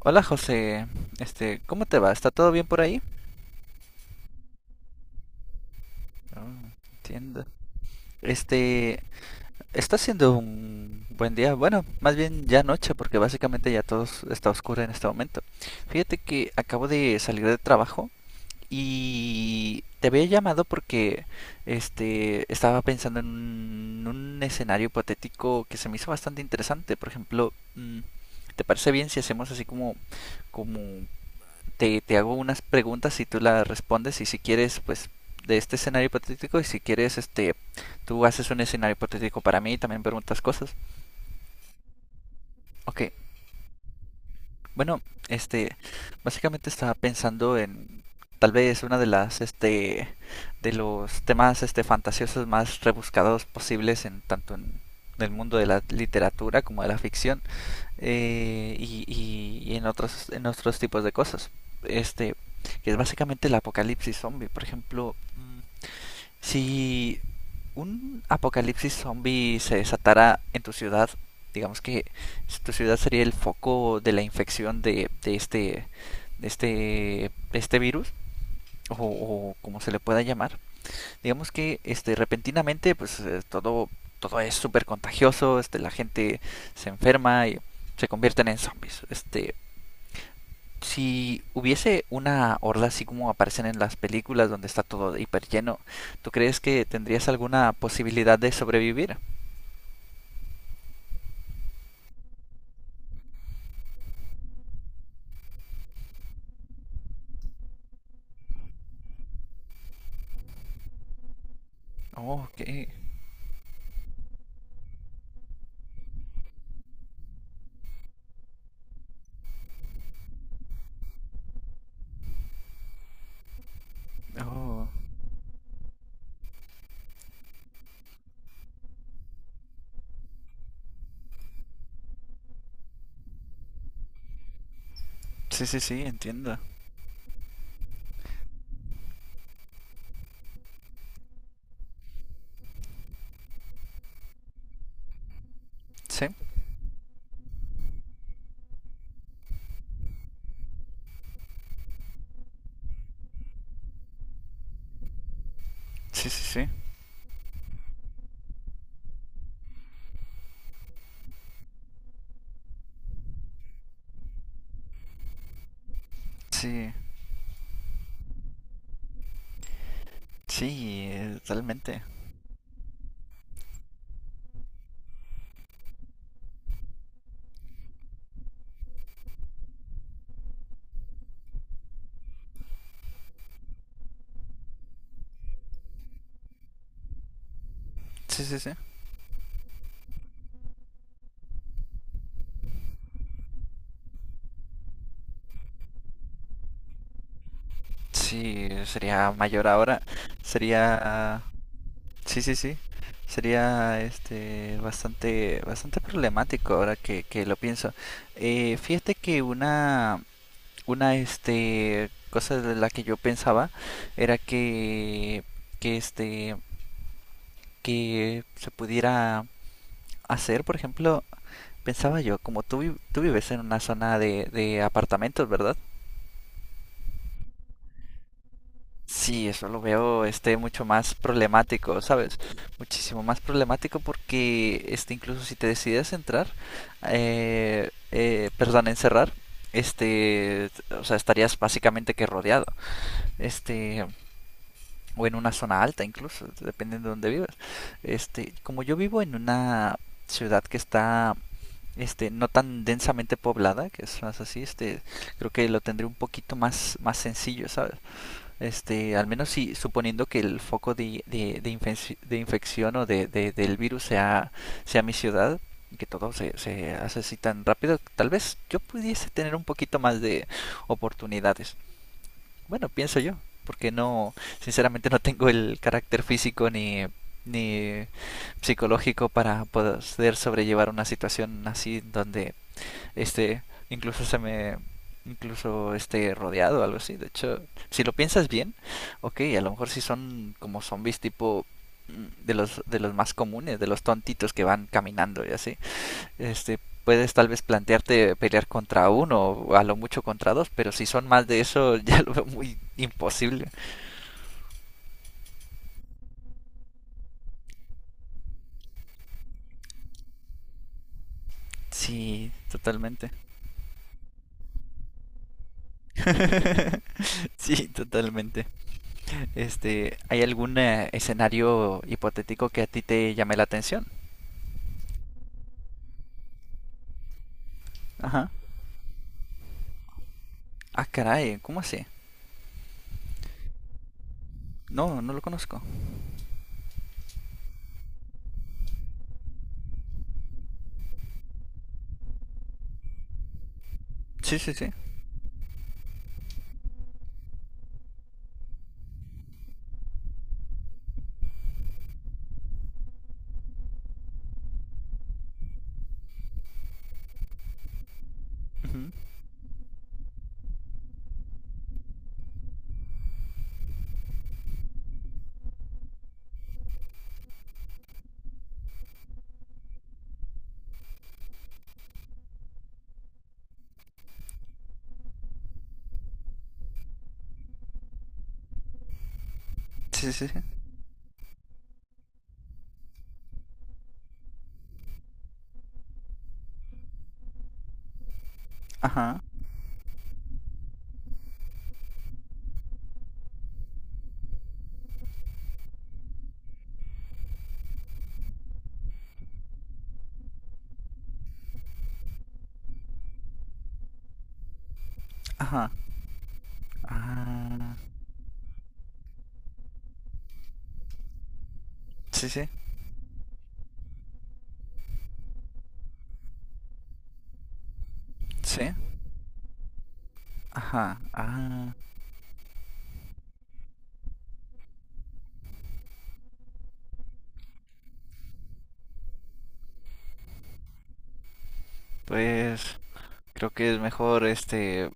Hola José, ¿cómo te va? ¿Está todo bien por ahí? Ah, entiendo. Este, Está siendo un buen día. Bueno, más bien ya noche, porque básicamente ya todo está oscuro en este momento. Fíjate que acabo de salir de trabajo y te había llamado porque estaba pensando en un escenario hipotético que se me hizo bastante interesante. Por ejemplo, ¿te parece bien si hacemos así como como te hago unas preguntas y tú las respondes y si quieres, pues de este escenario hipotético y si quieres, tú haces un escenario hipotético para mí y también preguntas cosas. Ok, bueno, este, básicamente estaba pensando en tal vez una de las, de los temas, fantasiosos más rebuscados posibles en tanto en el mundo de la literatura como de la ficción. Y en otros tipos de cosas. Este, que es básicamente el apocalipsis zombie. Por ejemplo, si un apocalipsis zombie se desatara en tu ciudad, digamos que tu ciudad sería el foco de la infección de de este virus, o como se le pueda llamar, digamos que repentinamente pues todo es súper contagioso, la gente se enferma y se convierten en zombies. Si hubiese una horda así como aparecen en las películas donde está todo hiper lleno, ¿tú crees que tendrías alguna posibilidad de sobrevivir? Oh, ok. Oh. Sí, sí, sí, entiendo. Sí, sí, sí, sí. Sí, sí, totalmente. Sí, sí, sí. Sí, sería mayor ahora. Sería Sí, sí, sí. Sería bastante bastante problemático ahora que lo pienso. Fíjate que una cosa de la que yo pensaba era que este que se pudiera hacer, por ejemplo, pensaba yo, como tú vives en una zona de apartamentos, ¿verdad? Sí, eso lo veo mucho más problemático, ¿sabes? Muchísimo más problemático porque incluso si te decides entrar, perdón, encerrar, o sea, estarías básicamente que rodeado, este, o en una zona alta incluso, dependiendo de dónde vivas. Como yo vivo en una ciudad que está no tan densamente poblada, que es más así, creo que lo tendré un poquito más sencillo, ¿sabes? Al menos si suponiendo que el foco de de infección o del virus sea mi ciudad, y que todo se hace así tan rápido, tal vez yo pudiese tener un poquito más de oportunidades. Bueno, pienso yo, porque no, sinceramente no tengo el carácter físico ni psicológico para poder sobrellevar una situación así donde este, incluso incluso rodeado o algo así. De hecho, si lo piensas bien, ok, a lo mejor sí son como zombies tipo de de los más comunes, de los tontitos que van caminando y así. Este, Puedes tal vez plantearte pelear contra uno o a lo mucho contra dos, pero si son más de eso ya lo veo muy imposible. Sí, totalmente. sí, totalmente. ¿Hay algún escenario hipotético que a ti te llame la atención? Ajá. Ah, caray, ¿cómo así? No, no lo conozco. Sí, sí, sí. Ujú. Sí, sí, sí. Ajá, ajá. Ah, sí, sí, sí. Ajá, ah. Pues creo que es mejor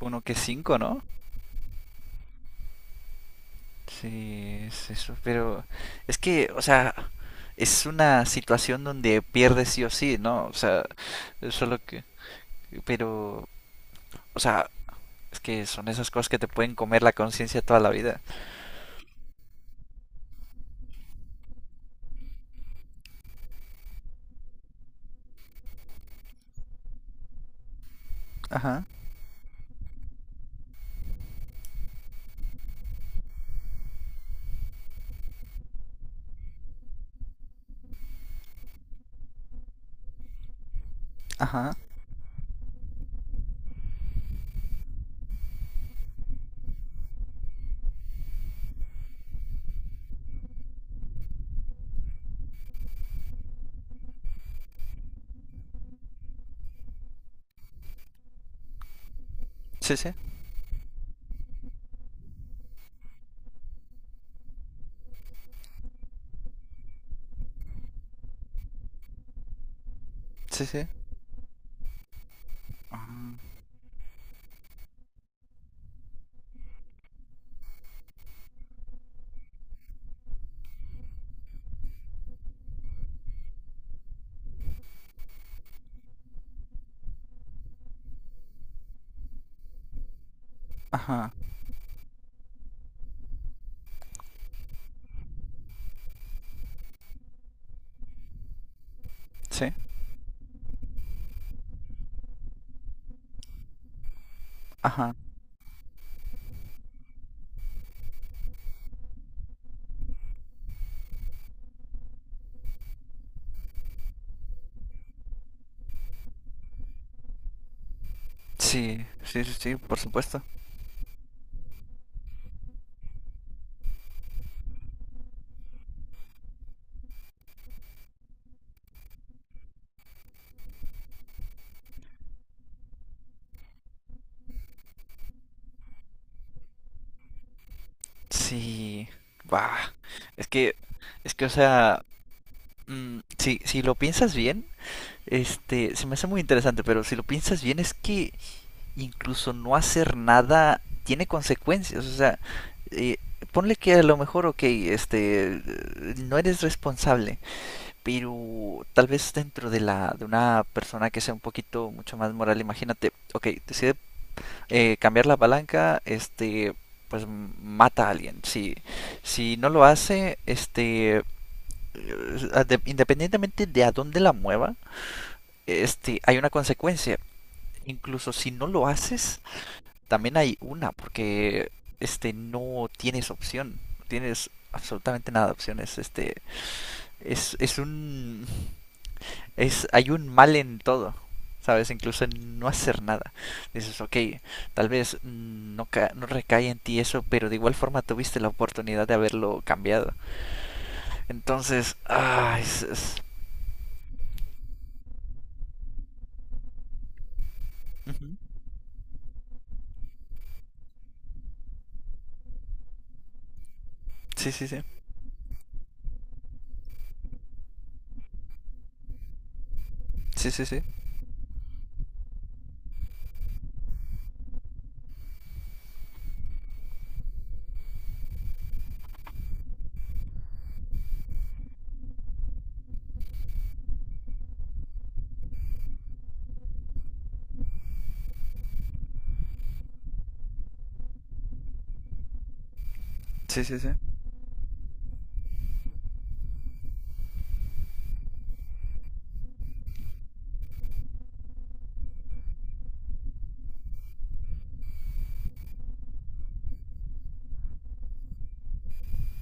uno que cinco, ¿no? Sí, es eso. Pero es que, o sea, es una situación donde pierdes sí o sí, ¿no? O sea, es solo que... Pero, o sea, es que son esas cosas que te pueden comer la conciencia toda la vida. Ajá, ajá. Sí, sí. Sí, sí. Ah, ajá, sí, ajá. Sí, sí, sí, sí, por supuesto. Sí, va. Es que, es que, o sea, si, si lo piensas bien, se me hace muy interesante, pero si lo piensas bien es que incluso no hacer nada tiene consecuencias. O sea, eh, ponle que a lo mejor, ok, no eres responsable, pero tal vez dentro de de una persona que sea un poquito mucho más moral, imagínate, ok, decide cambiar la palanca, pues mata a alguien. Si, si no lo hace, independientemente de a dónde la mueva, hay una consecuencia. Incluso si no lo haces, también hay una, porque no tienes opción, no tienes absolutamente nada de opciones. Es un, es, hay un mal en todo, ¿sabes? Incluso en no hacer nada. Dices, ok, tal vez no, no recae en ti eso, pero de igual forma tuviste la oportunidad de haberlo cambiado. Entonces, ah, es... Ujú. Sí, sí, sí. Sí, sí, sí. Sí, sí, sí.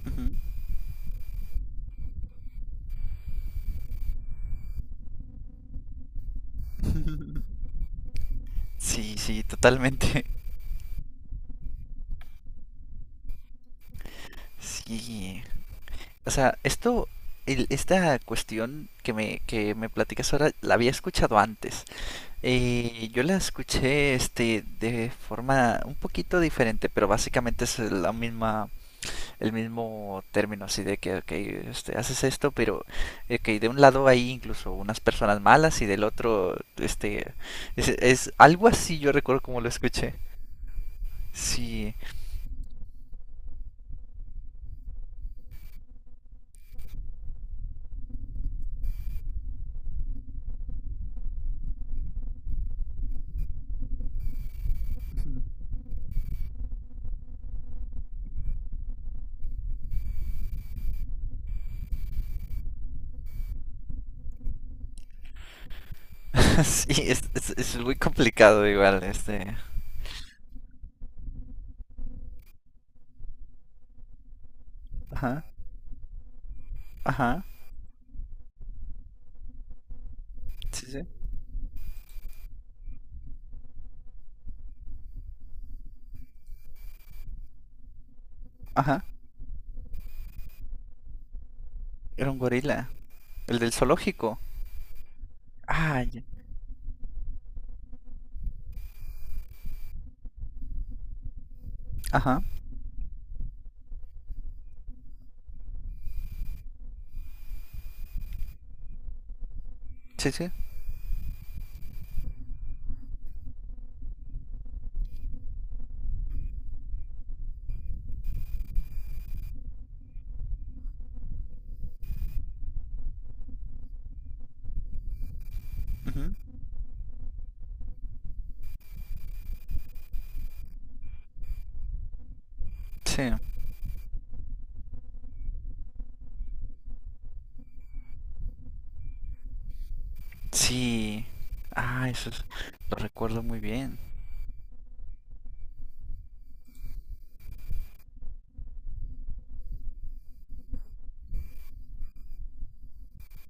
Ujú. Sí, sí, totalmente. Sí. O sea, esto, esta cuestión que me platicas ahora, la había escuchado antes. Y yo la escuché de forma un poquito diferente, pero básicamente es la misma, el mismo término así de que ok, haces esto, pero okay, de un lado hay incluso unas personas malas y del otro es algo así yo recuerdo como lo escuché. Sí, sí, es muy complicado igual, este. Ajá, ajá, sí, sí, ajá. Era un gorila, el del zoológico. Ah, ya. Ajá, sí, sí. Ujú. Sí, sí. Ah, eso es... lo recuerdo muy bien.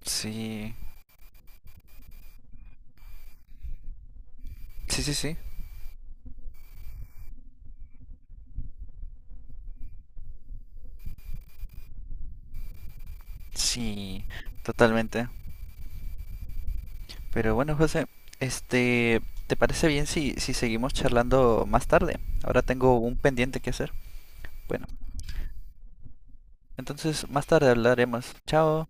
Sí, sí, sí, sí. Sí, totalmente. Pero bueno, José, este, ¿te parece bien si, si seguimos charlando más tarde? Ahora tengo un pendiente que hacer. Bueno, entonces más tarde hablaremos. Chao.